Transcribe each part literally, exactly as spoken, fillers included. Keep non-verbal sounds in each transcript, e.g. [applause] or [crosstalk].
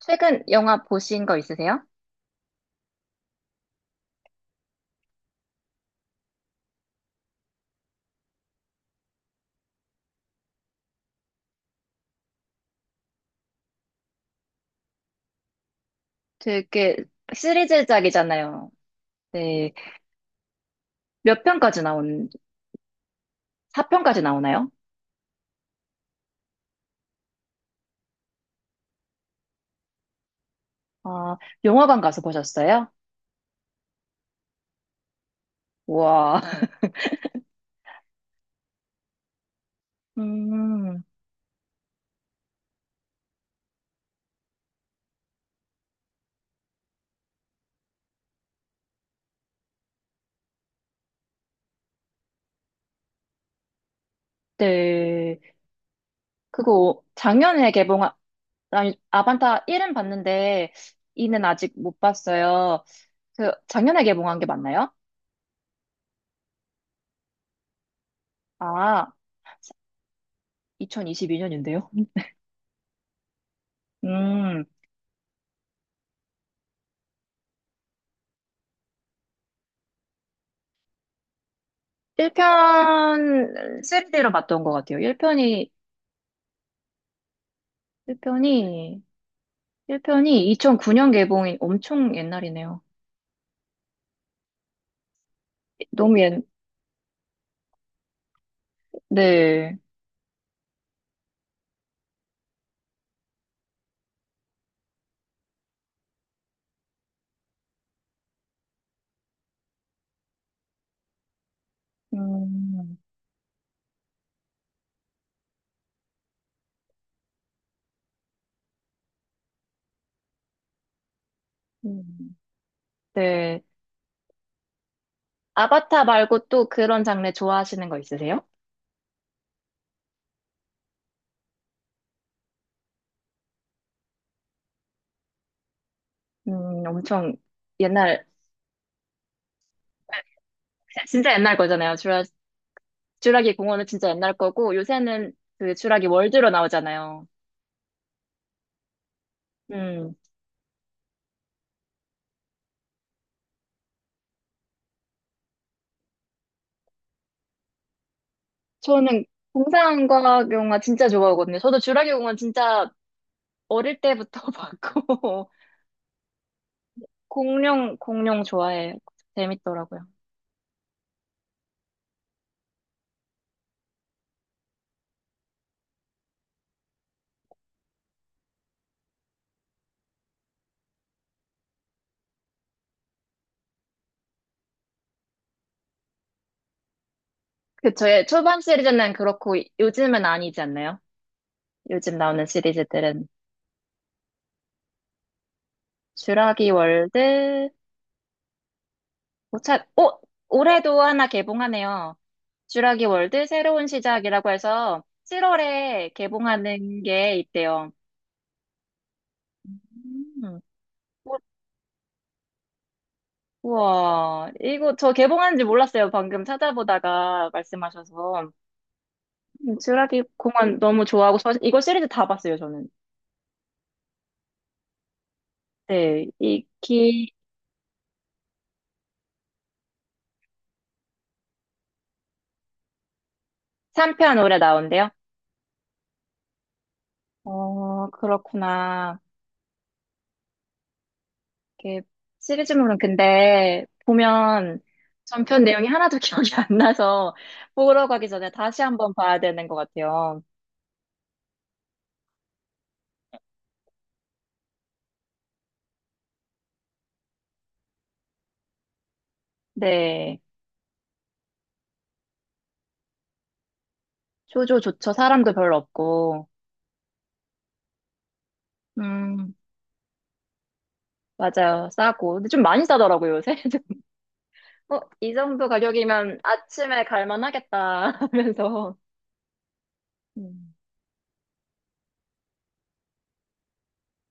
최근 영화 보신 거 있으세요? 되게 시리즈작이잖아요. 네. 몇 편까지 나온, 사 편까지 나오나요? 아, 영화관 가서 보셨어요? 와. [laughs] 음, 네. 그거 작년에 개봉한, 아니, 아반타 일은 봤는데 이는 아직 못 봤어요. 그 작년에 개봉한 게 맞나요? 아, 이천이십이 년인데요. 음, 일 편 쓰리즈로 봤던 것 같아요. 일 편이, 일 편이 일 편이 이천구 년 개봉이 엄청 옛날이네요. 너무 옛, 네. 음, 음. 네. 아바타 말고 또 그런 장르 좋아하시는 거 있으세요? 음, 엄청 옛날, 진짜 옛날 거잖아요. 주라, 주라기 공원은 진짜 옛날 거고, 요새는 그 주라기 월드로 나오잖아요. 음, 저는 공상과 영화 진짜 좋아하거든요. 저도 주라기 공원 진짜 어릴 때부터 [laughs] 봤고, 공룡, 공룡 좋아해요. 재밌더라고요. 그 저의 초반 시리즈는 그렇고 요즘은 아니지 않나요? 요즘 나오는 시리즈들은 쥬라기 월드 오찾오 올해도 하나 개봉하네요. 쥬라기 월드 새로운 시작이라고 해서 칠월에 개봉하는 게 있대요. 음, 우- 우와, 이거 저 개봉하는지 몰랐어요. 방금 찾아보다가 말씀하셔서 음, 쥬라기 공원 너무 좋아하고 저 이거 시리즈 다 봤어요 저는. 네, 이기 삼 편 올해 나온대요. 어, 그렇구나. 이렇게 시리즈물은 근데 보면 전편 내용이 하나도 [laughs] 기억이 안 나서 보러 가기 전에 다시 한번 봐야 되는 것 같아요. 네. 쇼조조죠 사람도 별로 없고. 음, 맞아요. 싸고. 근데 좀 많이 싸더라고요, 요새. [laughs] 어, 이 정도 가격이면 아침에 갈만 하겠다 [laughs] 하면서. 음,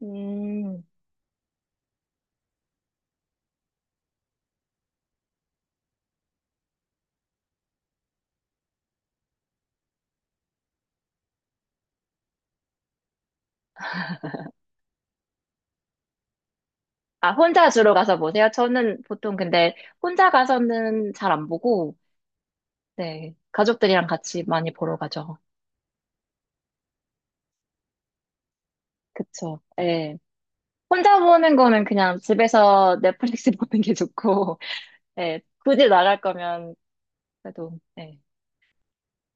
음. 아, 혼자 주로 가서 보세요? 저는 보통 근데 혼자 가서는 잘 안 보고, 네, 가족들이랑 같이 많이 보러 가죠. 그쵸. 예. 혼자 보는 거는 그냥 집에서 넷플릭스 [laughs] 보는 게 좋고, 예. 굳이 나갈 거면 그래도, 예.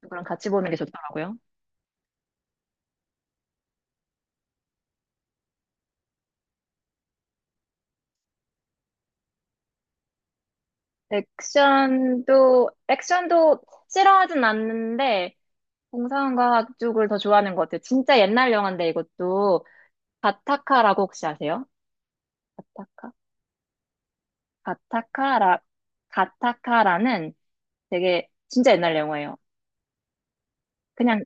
누구랑 같이 보는 게 좋더라고요. 액션도, 액션도 싫어하진 않는데, 공상과학 쪽을 더 좋아하는 것 같아요. 진짜 옛날 영화인데 이것도, 가타카라고 혹시 아세요? 가타카? 가타카라, 가타카라는 되게 진짜 옛날 영화예요. 그냥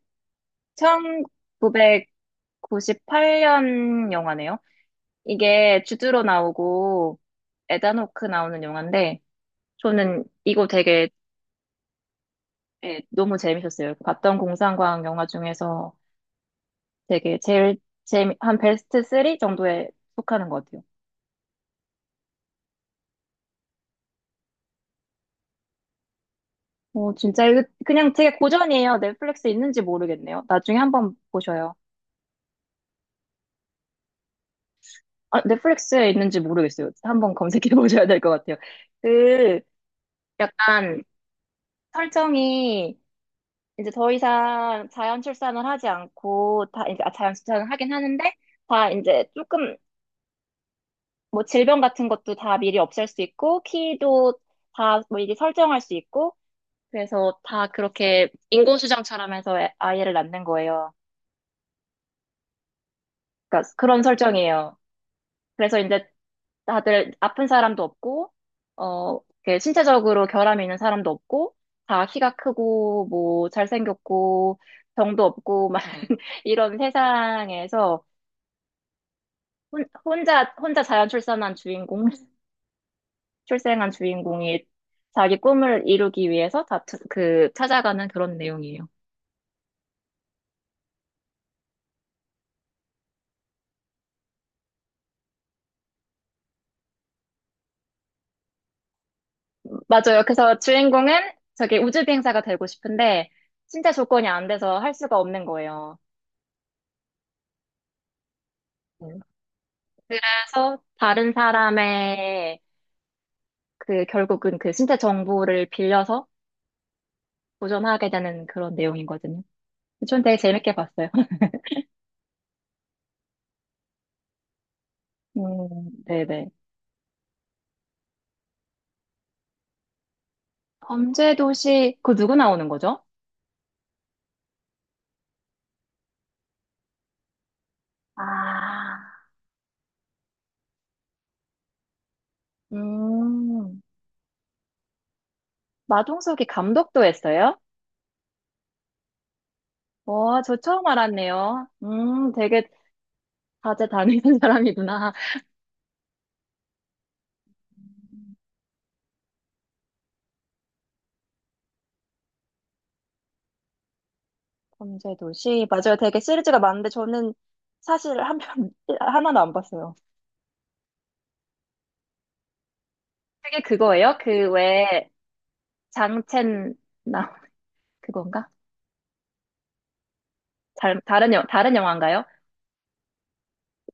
구십팔 년 영화네요. 이게 주드로 나오고 에다노크 나오는 영화인데 저는 이거 되게 예, 너무 재밌었어요. 봤던 공상과학 영화 중에서 되게 제일 재미 한 베스트 쓰리 정도에 속하는 것 같아요. 어, 진짜 이거 그냥 되게 고전이에요. 넷플릭스 있는지 모르겠네요. 나중에 한번 보셔요. 아, 넷플릭스에 있는지 모르겠어요. 한번 검색해 [laughs] 보셔야 될 것 같아요. 그 약간 설정이 이제 더 이상 자연 출산을 하지 않고 다 이제 아, 자연 출산을 하긴 하는데 다 이제 조금 뭐 질병 같은 것도 다 미리 없앨 수 있고 키도 다 미리 설정할 수 있고 그래서 다 그렇게 인공수정처럼 해서 애- 아이를 낳는 거예요. 그러니까 그런 설정이에요. 그래서 이제 다들 아픈 사람도 없고 어 이렇게 신체적으로 결함이 있는 사람도 없고 다 키가 크고 뭐 잘생겼고 병도 없고 막 [laughs] 이런 세상에서 혼- 혼자, 혼자 자연 출산한 주인공, [laughs] 출생한 주인공이 자기 꿈을 이루기 위해서 다, 투- 그, 찾아가는 그런 내용이에요. 맞아요. 그래서 주인공은 저기 우주 비행사가 되고 싶은데, 진짜 조건이 안 돼서 할 수가 없는 거예요. 음. 그래서 다른 사람의 그, 결국은 그 신체 정보를 빌려서 도전하게 되는 그런 내용이거든요. 전 되게 재밌게 봤어요. [laughs] 음, 네네. 범죄도시, 그 누구 나오는 거죠? 아. 음, 마동석이 감독도 했어요? 와, 저 처음 알았네요. 음, 되게 다재 다능한 [laughs] 사람이구나. 범죄도시. 맞아요. 되게 시리즈가 많은데 저는 사실 한 편, [laughs] 하나도 안 봤어요. 그게 그거예요? 그 왜 장첸, 나, 그건가? 잘, 다른, 영, 다른 영화인가요?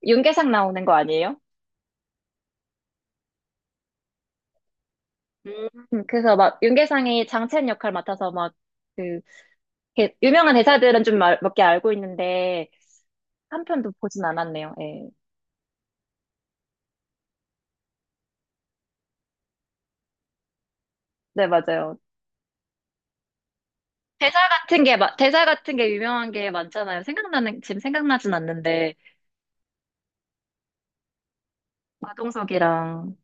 윤계상 나오는 거 아니에요? 음, 그래서 막 윤계상이 장첸 역할 맡아서 막 그, 이렇게 유명한 대사들은 좀 몇 개 알고 있는데, 한 편도 보진 않았네요. 예. 네, 맞아요. 대사 같은 게, 마- 대사 같은 게 유명한 게 많잖아요. 생각나는, 지금 생각나진 않는데, 마동석이랑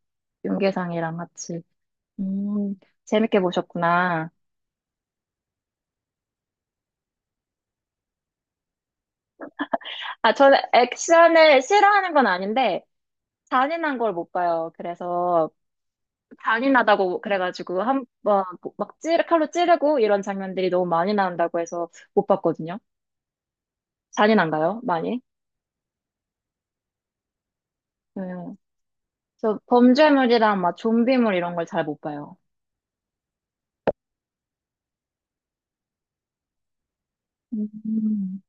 윤계상이랑 같이. 음, 재밌게 보셨구나. 아, 저는 액션을 싫어하는 건 아닌데, 잔인한 걸 못 봐요. 그래서, 잔인하다고 그래가지고, 한 번 막 찌르, 칼로 찌르고 이런 장면들이 너무 많이 나온다고 해서 못 봤거든요. 잔인한가요? 많이? 네. 저 범죄물이랑 막 좀비물 이런 걸 잘 못 봐요. 음.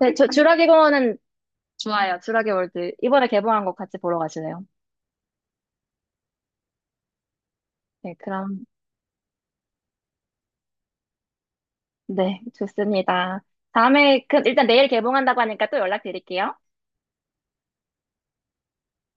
네, 저 주라기 공원은 좋아요. 주라기 월드. 이번에 개봉한 거 같이 보러 가실래요? 네, 그럼, 네, 좋습니다. 다음에, 그, 일단 내일 개봉한다고 하니까 또 연락드릴게요.